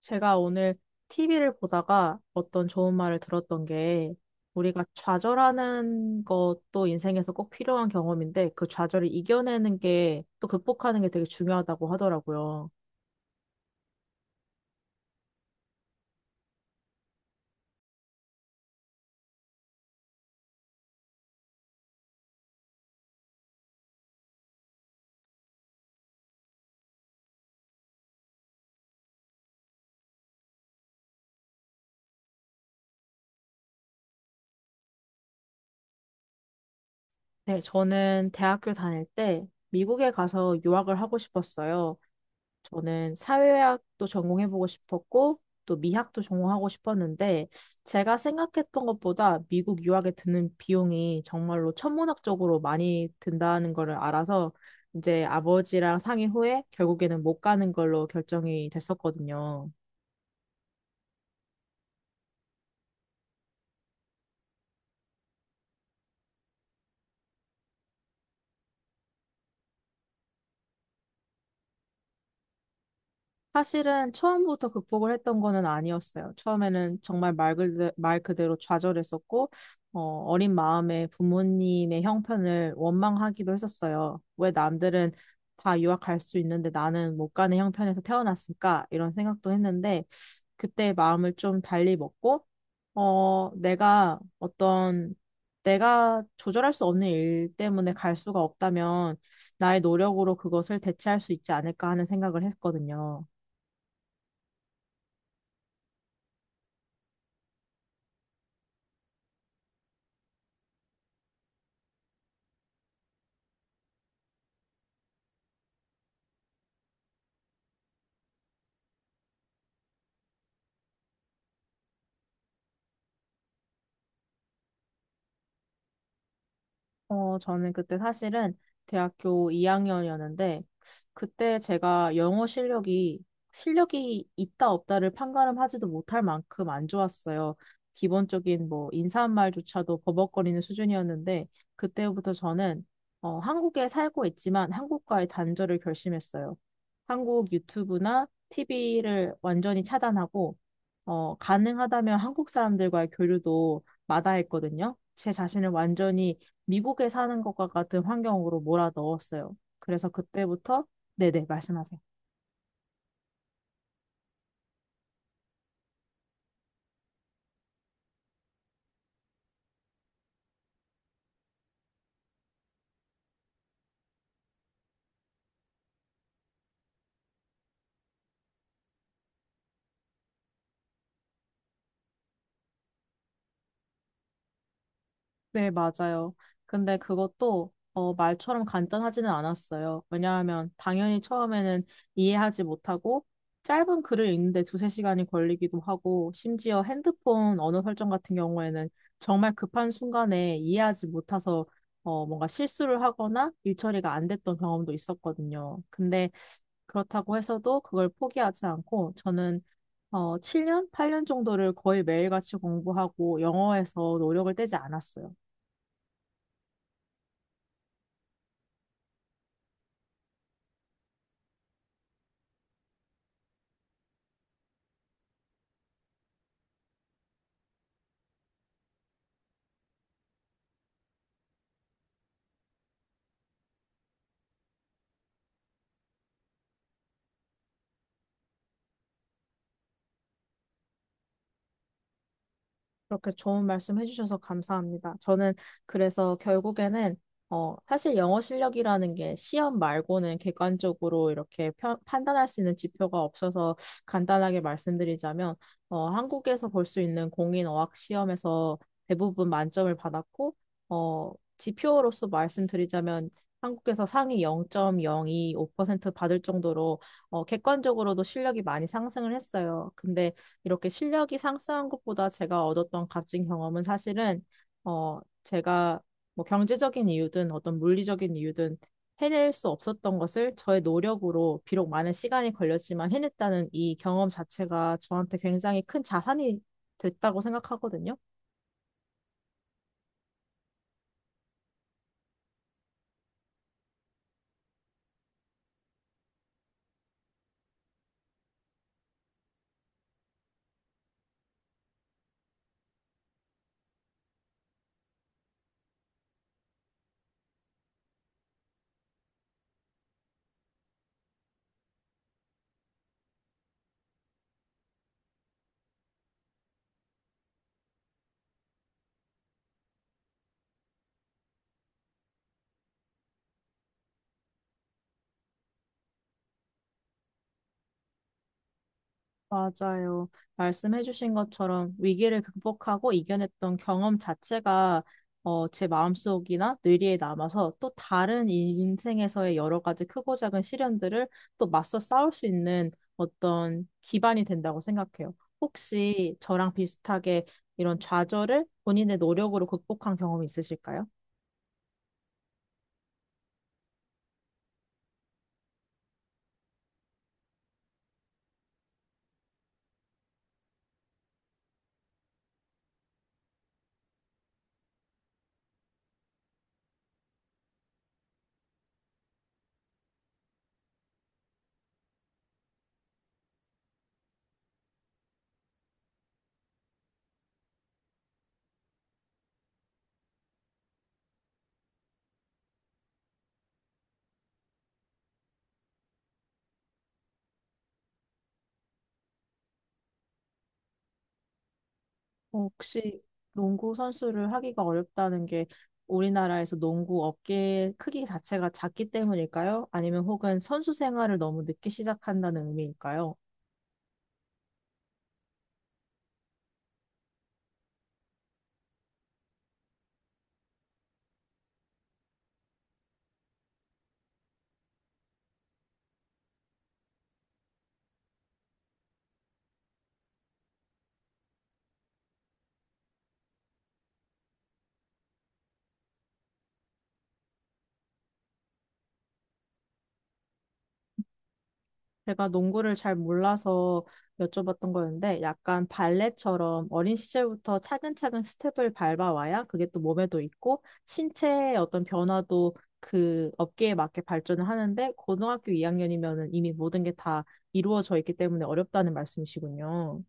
제가 오늘 TV를 보다가 어떤 좋은 말을 들었던 게 우리가 좌절하는 것도 인생에서 꼭 필요한 경험인데 그 좌절을 이겨내는 게 또 극복하는 게 되게 중요하다고 하더라고요. 네, 저는 대학교 다닐 때 미국에 가서 유학을 하고 싶었어요. 저는 사회학도 전공해보고 싶었고, 또 미학도 전공하고 싶었는데, 제가 생각했던 것보다 미국 유학에 드는 비용이 정말로 천문학적으로 많이 든다는 거를 알아서, 이제 아버지랑 상의 후에 결국에는 못 가는 걸로 결정이 됐었거든요. 사실은 처음부터 극복을 했던 거는 아니었어요. 처음에는 정말 말 그대로 좌절했었고, 어, 어린 마음에 부모님의 형편을 원망하기도 했었어요. 왜 남들은 다 유학 갈 수 있는데 나는 못 가는 형편에서 태어났을까? 이런 생각도 했는데, 그때 마음을 좀 달리 먹고, 어, 내가 어떤, 내가 조절할 수 없는 일 때문에 갈 수가 없다면, 나의 노력으로 그것을 대체할 수 있지 않을까 하는 생각을 했거든요. 저는 그때 사실은 대학교 2학년이었는데, 그때 제가 영어 실력이 있다 없다를 판가름하지도 못할 만큼 안 좋았어요. 기본적인 뭐 인사말조차도 버벅거리는 수준이었는데, 그때부터 저는 한국에 살고 있지만 한국과의 단절을 결심했어요. 한국 유튜브나 TV를 완전히 차단하고, 가능하다면 한국 사람들과의 교류도 마다했거든요. 제 자신을 완전히 미국에 사는 것과 같은 환경으로 몰아 넣었어요. 그래서 그때부터. 네네, 말씀하세요. 네, 맞아요. 근데 그것도 말처럼 간단하지는 않았어요. 왜냐하면 당연히 처음에는 이해하지 못하고 짧은 글을 읽는데 두세 시간이 걸리기도 하고, 심지어 핸드폰 언어 설정 같은 경우에는 정말 급한 순간에 이해하지 못해서 뭔가 실수를 하거나 일처리가 안 됐던 경험도 있었거든요. 근데 그렇다고 해서도 그걸 포기하지 않고 저는 7년? 8년 정도를 거의 매일같이 공부하고 영어에서 노력을 떼지 않았어요. 그렇게 좋은 말씀 해주셔서 감사합니다. 저는 그래서 결국에는 사실 영어 실력이라는 게 시험 말고는 객관적으로 이렇게 판단할 수 있는 지표가 없어서, 간단하게 말씀드리자면 한국에서 볼 수 있는 공인 어학 시험에서 대부분 만점을 받았고, 어, 지표로서 말씀드리자면 한국에서 상위 0.025% 받을 정도로 객관적으로도 실력이 많이 상승을 했어요. 근데 이렇게 실력이 상승한 것보다 제가 얻었던 값진 경험은 사실은 제가 뭐 경제적인 이유든 어떤 물리적인 이유든 해낼 수 없었던 것을 저의 노력으로 비록 많은 시간이 걸렸지만 해냈다는 이 경험 자체가 저한테 굉장히 큰 자산이 됐다고 생각하거든요. 맞아요. 말씀해주신 것처럼 위기를 극복하고 이겨냈던 경험 자체가 제 마음속이나 뇌리에 남아서 또 다른 인생에서의 여러 가지 크고 작은 시련들을 또 맞서 싸울 수 있는 어떤 기반이 된다고 생각해요. 혹시 저랑 비슷하게 이런 좌절을 본인의 노력으로 극복한 경험이 있으실까요? 혹시 농구 선수를 하기가 어렵다는 게 우리나라에서 농구 업계 크기 자체가 작기 때문일까요? 아니면 혹은 선수 생활을 너무 늦게 시작한다는 의미일까요? 제가 농구를 잘 몰라서 여쭤봤던 거였는데, 약간 발레처럼 어린 시절부터 차근차근 스텝을 밟아와야 그게 또 몸에도 있고 신체의 어떤 변화도 그 업계에 맞게 발전을 하는데, 고등학교 2학년이면은 이미 모든 게 다 이루어져 있기 때문에 어렵다는 말씀이시군요.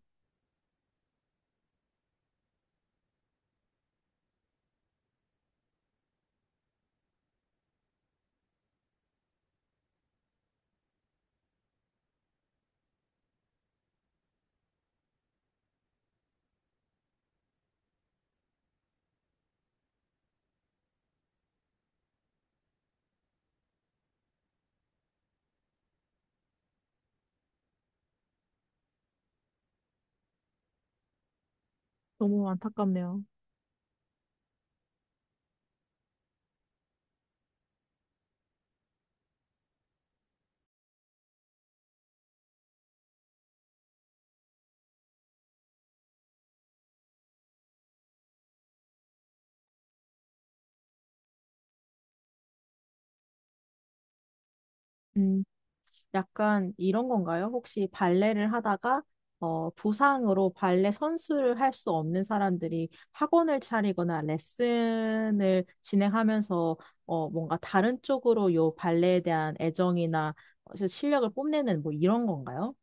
너무 안타깝네요. 음, 약간 이런 건가요? 혹시 발레를 하다가 부상으로 발레 선수를 할 수 없는 사람들이 학원을 차리거나 레슨을 진행하면서 뭔가 다른 쪽으로 요 발레에 대한 애정이나 실력을 뽐내는 뭐 이런 건가요?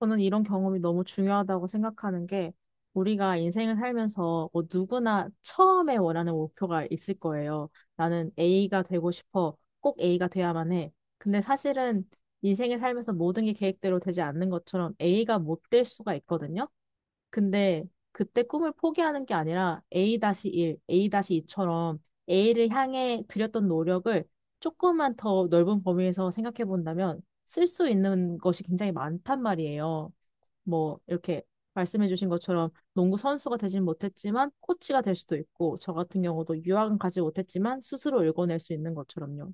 저는 이런 경험이 너무 중요하다고 생각하는 게, 우리가 인생을 살면서 뭐 누구나 처음에 원하는 목표가 있을 거예요. 나는 A가 되고 싶어. 꼭 A가 돼야만 해. 근데 사실은 인생을 살면서 모든 게 계획대로 되지 않는 것처럼 A가 못 될 수가 있거든요. 근데 그때 꿈을 포기하는 게 아니라 A-1, A-2처럼 A를 향해 들였던 노력을 조금만 더 넓은 범위에서 생각해 본다면 쓸 수 있는 것이 굉장히 많단 말이에요. 뭐 이렇게 말씀해 주신 것처럼 농구 선수가 되진 못했지만 코치가 될 수도 있고, 저 같은 경우도 유학은 가지 못했지만 스스로 읽어낼 수 있는 것처럼요.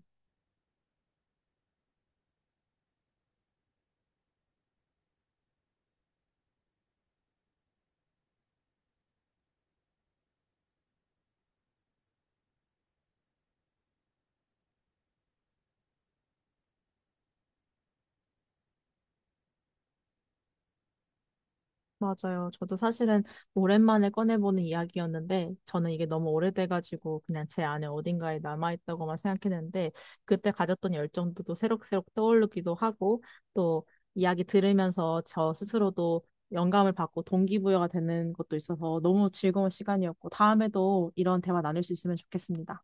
맞아요. 저도 사실은 오랜만에 꺼내보는 이야기였는데, 저는 이게 너무 오래돼가지고 그냥 제 안에 어딘가에 남아있다고만 생각했는데, 그때 가졌던 열정도 또 새록새록 떠오르기도 하고, 또 이야기 들으면서 저 스스로도 영감을 받고 동기부여가 되는 것도 있어서 너무 즐거운 시간이었고, 다음에도 이런 대화 나눌 수 있으면 좋겠습니다.